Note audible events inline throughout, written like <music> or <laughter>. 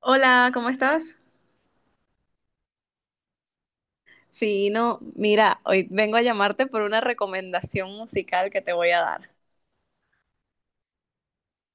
Hola, ¿cómo estás? Fino, mira, hoy vengo a llamarte por una recomendación musical que te voy a dar.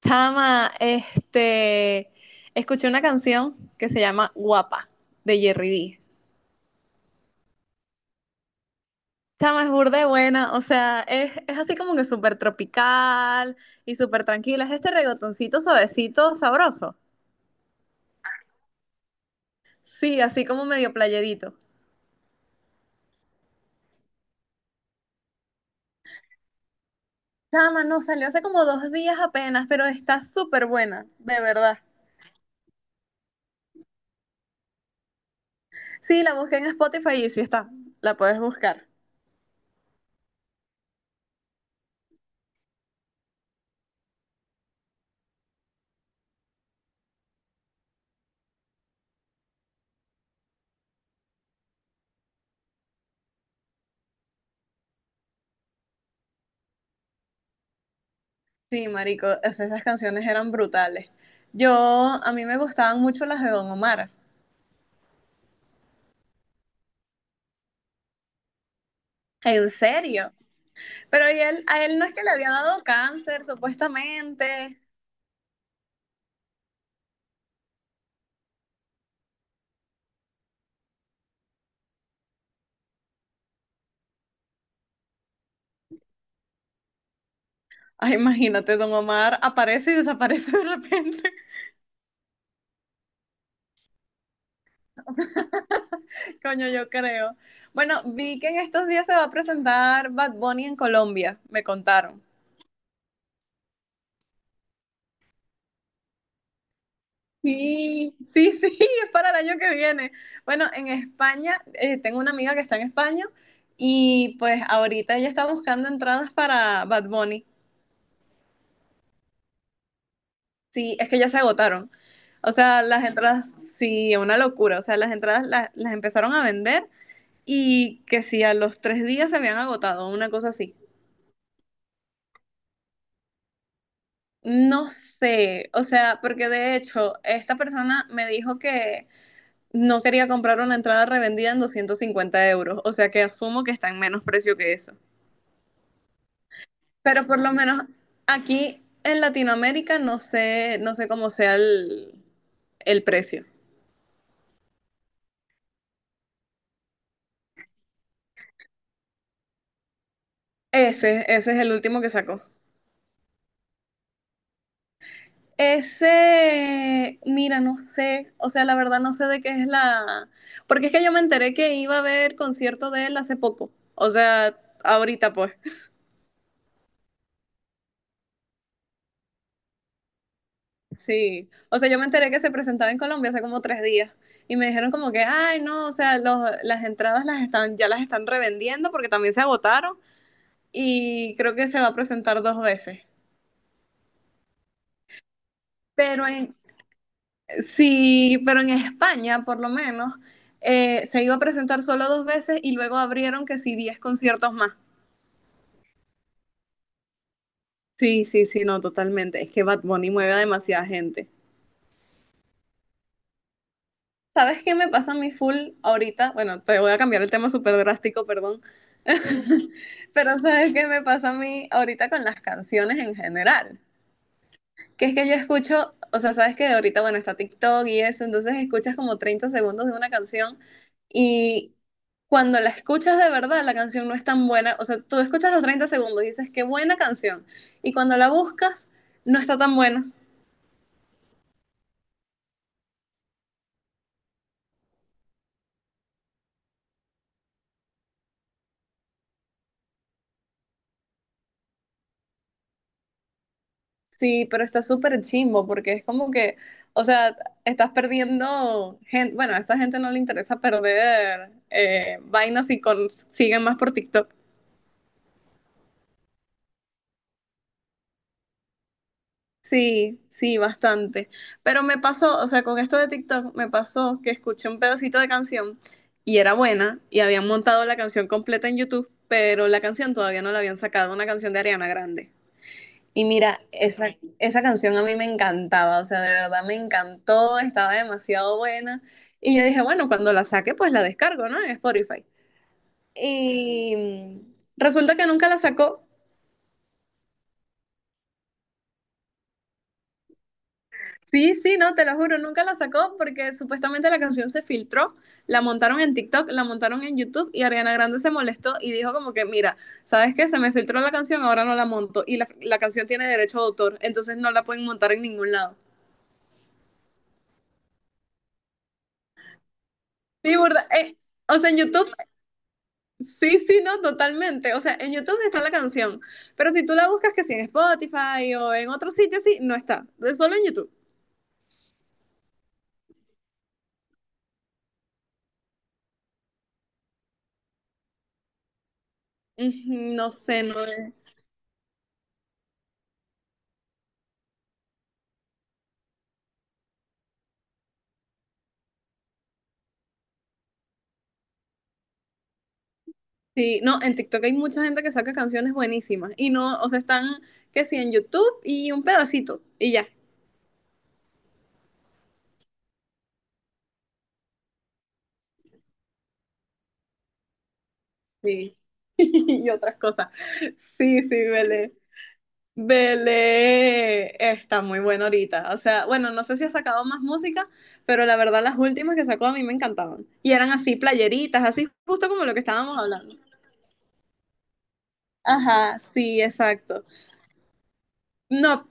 Chama, escuché una canción que se llama Guapa, de Jerry D. Chama, es burda de buena, o sea, es así como que súper tropical y súper tranquila. Es este reggaetoncito suavecito, sabroso. Sí, así como medio playerito. Chama, no, salió hace como dos días apenas, pero está súper buena, de verdad. Sí, la busqué en Spotify y sí está. La puedes buscar. Sí, marico, esas canciones eran brutales. Yo, a mí me gustaban mucho las de Don Omar. En serio. Pero y él, a él no es que le había dado cáncer, supuestamente. Ay, imagínate, Don Omar aparece y desaparece de repente. <laughs> Coño, yo creo. Bueno, vi que en estos días se va a presentar Bad Bunny en Colombia, me contaron. Sí, sí, sí, <laughs> es para el año que viene. Bueno, en España, tengo una amiga que está en España y pues ahorita ella está buscando entradas para Bad Bunny. Sí, es que ya se agotaron. O sea, las entradas, sí, una locura. O sea, las entradas las, empezaron a vender y que sí, a los tres días se habían agotado, una cosa así. No sé, o sea, porque de hecho, esta persona me dijo que no quería comprar una entrada revendida en 250 euros, o sea que asumo que está en menos precio que eso. Pero por lo menos aquí en Latinoamérica no sé, no sé cómo sea el precio. Ese es el último que sacó. Ese, mira, no sé, o sea, la verdad no sé de qué es la... Porque es que yo me enteré que iba a haber concierto de él hace poco, o sea, ahorita pues. Sí, o sea, yo me enteré que se presentaba en Colombia hace como tres días y me dijeron como que, ay, no, o sea, las entradas las están, ya las están revendiendo porque también se agotaron y creo que se va a presentar dos veces. Pero en, sí, pero en España, por lo menos, se iba a presentar solo dos veces y luego abrieron que sí, diez conciertos más. Sí, sí, sí, no, totalmente. Es que Bad Bunny mueve a demasiada gente. ¿Sabes qué me pasa a mí full ahorita? Bueno, te voy a cambiar el tema súper drástico, perdón. <laughs> Pero ¿sabes qué me pasa a mí ahorita con las canciones en general? Que es que yo escucho, o sea, sabes que ahorita, bueno, está TikTok y eso, entonces escuchas como 30 segundos de una canción y cuando la escuchas de verdad, la canción no es tan buena. O sea, tú escuchas los 30 segundos y dices, qué buena canción. Y cuando la buscas, no está tan buena. Sí, pero está súper chimbo porque es como que, o sea, estás perdiendo gente, bueno, a esa gente no le interesa perder vainas y siguen más por TikTok. Sí, sí, bastante. Pero me pasó, o sea, con esto de TikTok me pasó que escuché un pedacito de canción y era buena y habían montado la canción completa en YouTube, pero la canción todavía no la habían sacado, una canción de Ariana Grande. Y mira, esa canción a mí me encantaba, o sea, de verdad me encantó, estaba demasiado buena. Y yo dije, bueno, cuando la saque, pues la descargo, ¿no? En Spotify. Y resulta que nunca la sacó. Sí, sí, no, te lo juro, nunca la sacó porque supuestamente la canción se filtró, la montaron en TikTok, la montaron en YouTube y Ariana Grande se molestó y dijo como que, mira, ¿sabes qué? Se me filtró la canción, ahora no la monto y la canción tiene derecho de autor, entonces no la pueden montar en ningún lado. Sí, burda, o sea, en YouTube sí, sí, no, totalmente. O sea, en YouTube está la canción, pero si tú la buscas que si en Spotify o en otro sitio, sí, no está. Es solo en YouTube. Ujú, no sé, no es. Sí, no, en TikTok hay mucha gente que saca canciones buenísimas y no, o sea, están que sí en YouTube y un pedacito y ya. Sí. <laughs> Y otras cosas. Sí, sí, vale. Belé está muy bueno ahorita. O sea, bueno, no sé si ha sacado más música, pero la verdad las últimas que sacó a mí me encantaban. Y eran así playeritas, así justo como lo que estábamos hablando. Ajá, sí, exacto. No,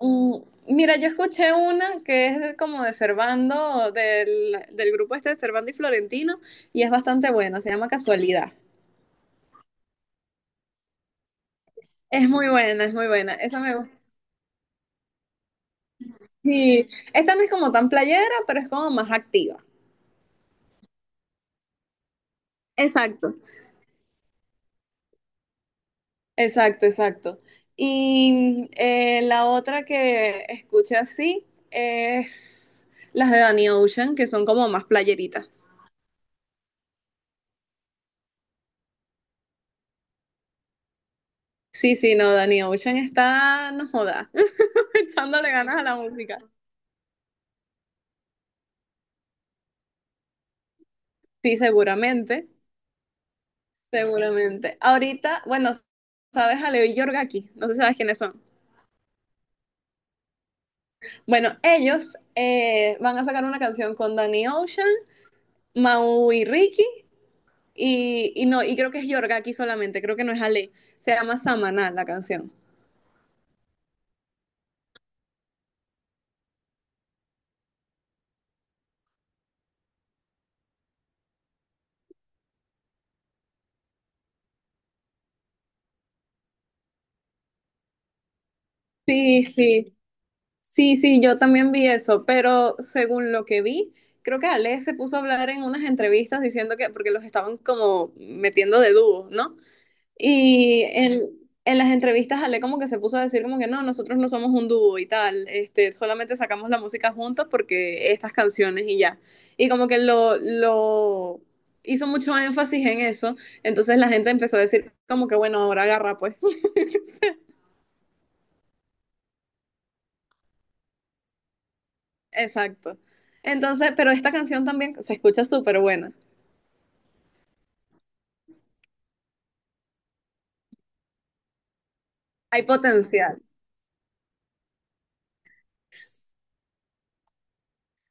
mm, mira, yo escuché una que como de Servando, del grupo este de Servando y Florentino, y es bastante buena, se llama Casualidad. Es muy buena, es muy buena. Esa me gusta. Sí, esta no es como tan playera, pero es como más activa. Exacto. Exacto, exacto. Y la otra que escuché así es las de Danny Ocean, que son como más playeritas. Sí, sí, no, Danny Ocean está, no joda, <laughs> echándole ganas a la música. Sí, seguramente. Ahorita, bueno, sabes a Leo y Yorgaki, no sé si sabes quiénes son. Bueno, ellos van a sacar una canción con Danny Ocean, Mau y Ricky, y no, y creo que es Yorga aquí solamente, creo que no es Ale. Se llama Samaná la canción. Sí, sí, sí, sí, yo también vi eso, pero según lo que vi, creo que Ale se puso a hablar en unas entrevistas diciendo que, porque los estaban como metiendo de dúo, ¿no? Y en las entrevistas Ale como que se puso a decir como que no, nosotros no somos un dúo y tal, este, solamente sacamos la música juntos porque estas canciones y ya. Y como que lo hizo mucho énfasis en eso, entonces la gente empezó a decir como que bueno, ahora agarra pues. <laughs> Exacto. Entonces, pero esta canción también se escucha súper buena. Hay potencial.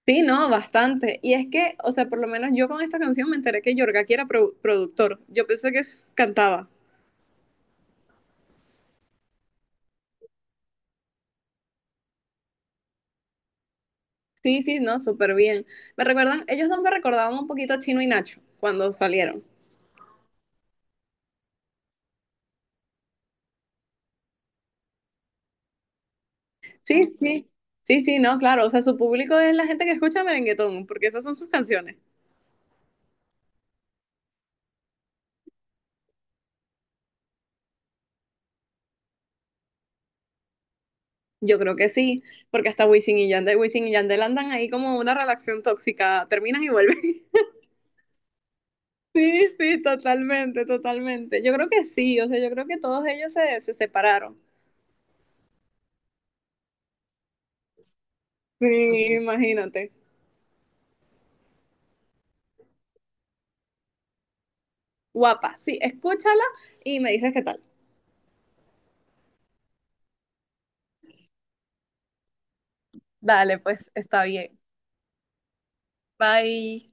Sí, no, bastante. Y es que, o sea, por lo menos yo con esta canción me enteré que Yorga era productor. Yo pensé que cantaba. Sí, sí, no, súper bien. Me recuerdan, ellos dos me recordaban un poquito a Chino y Nacho cuando salieron. Sí, sí, sí, sí, no, claro. O sea, su público es la gente que escucha merenguetón, porque esas son sus canciones. Yo creo que sí, porque hasta Wisin y Yandel andan ahí como una relación tóxica, terminan y vuelven. <laughs> Sí, sí, totalmente, totalmente. Yo creo que sí, o sea, yo creo que todos ellos se separaron. Sí, imagínate. Guapa, sí, escúchala y me dices qué tal. Dale, pues está bien. Bye.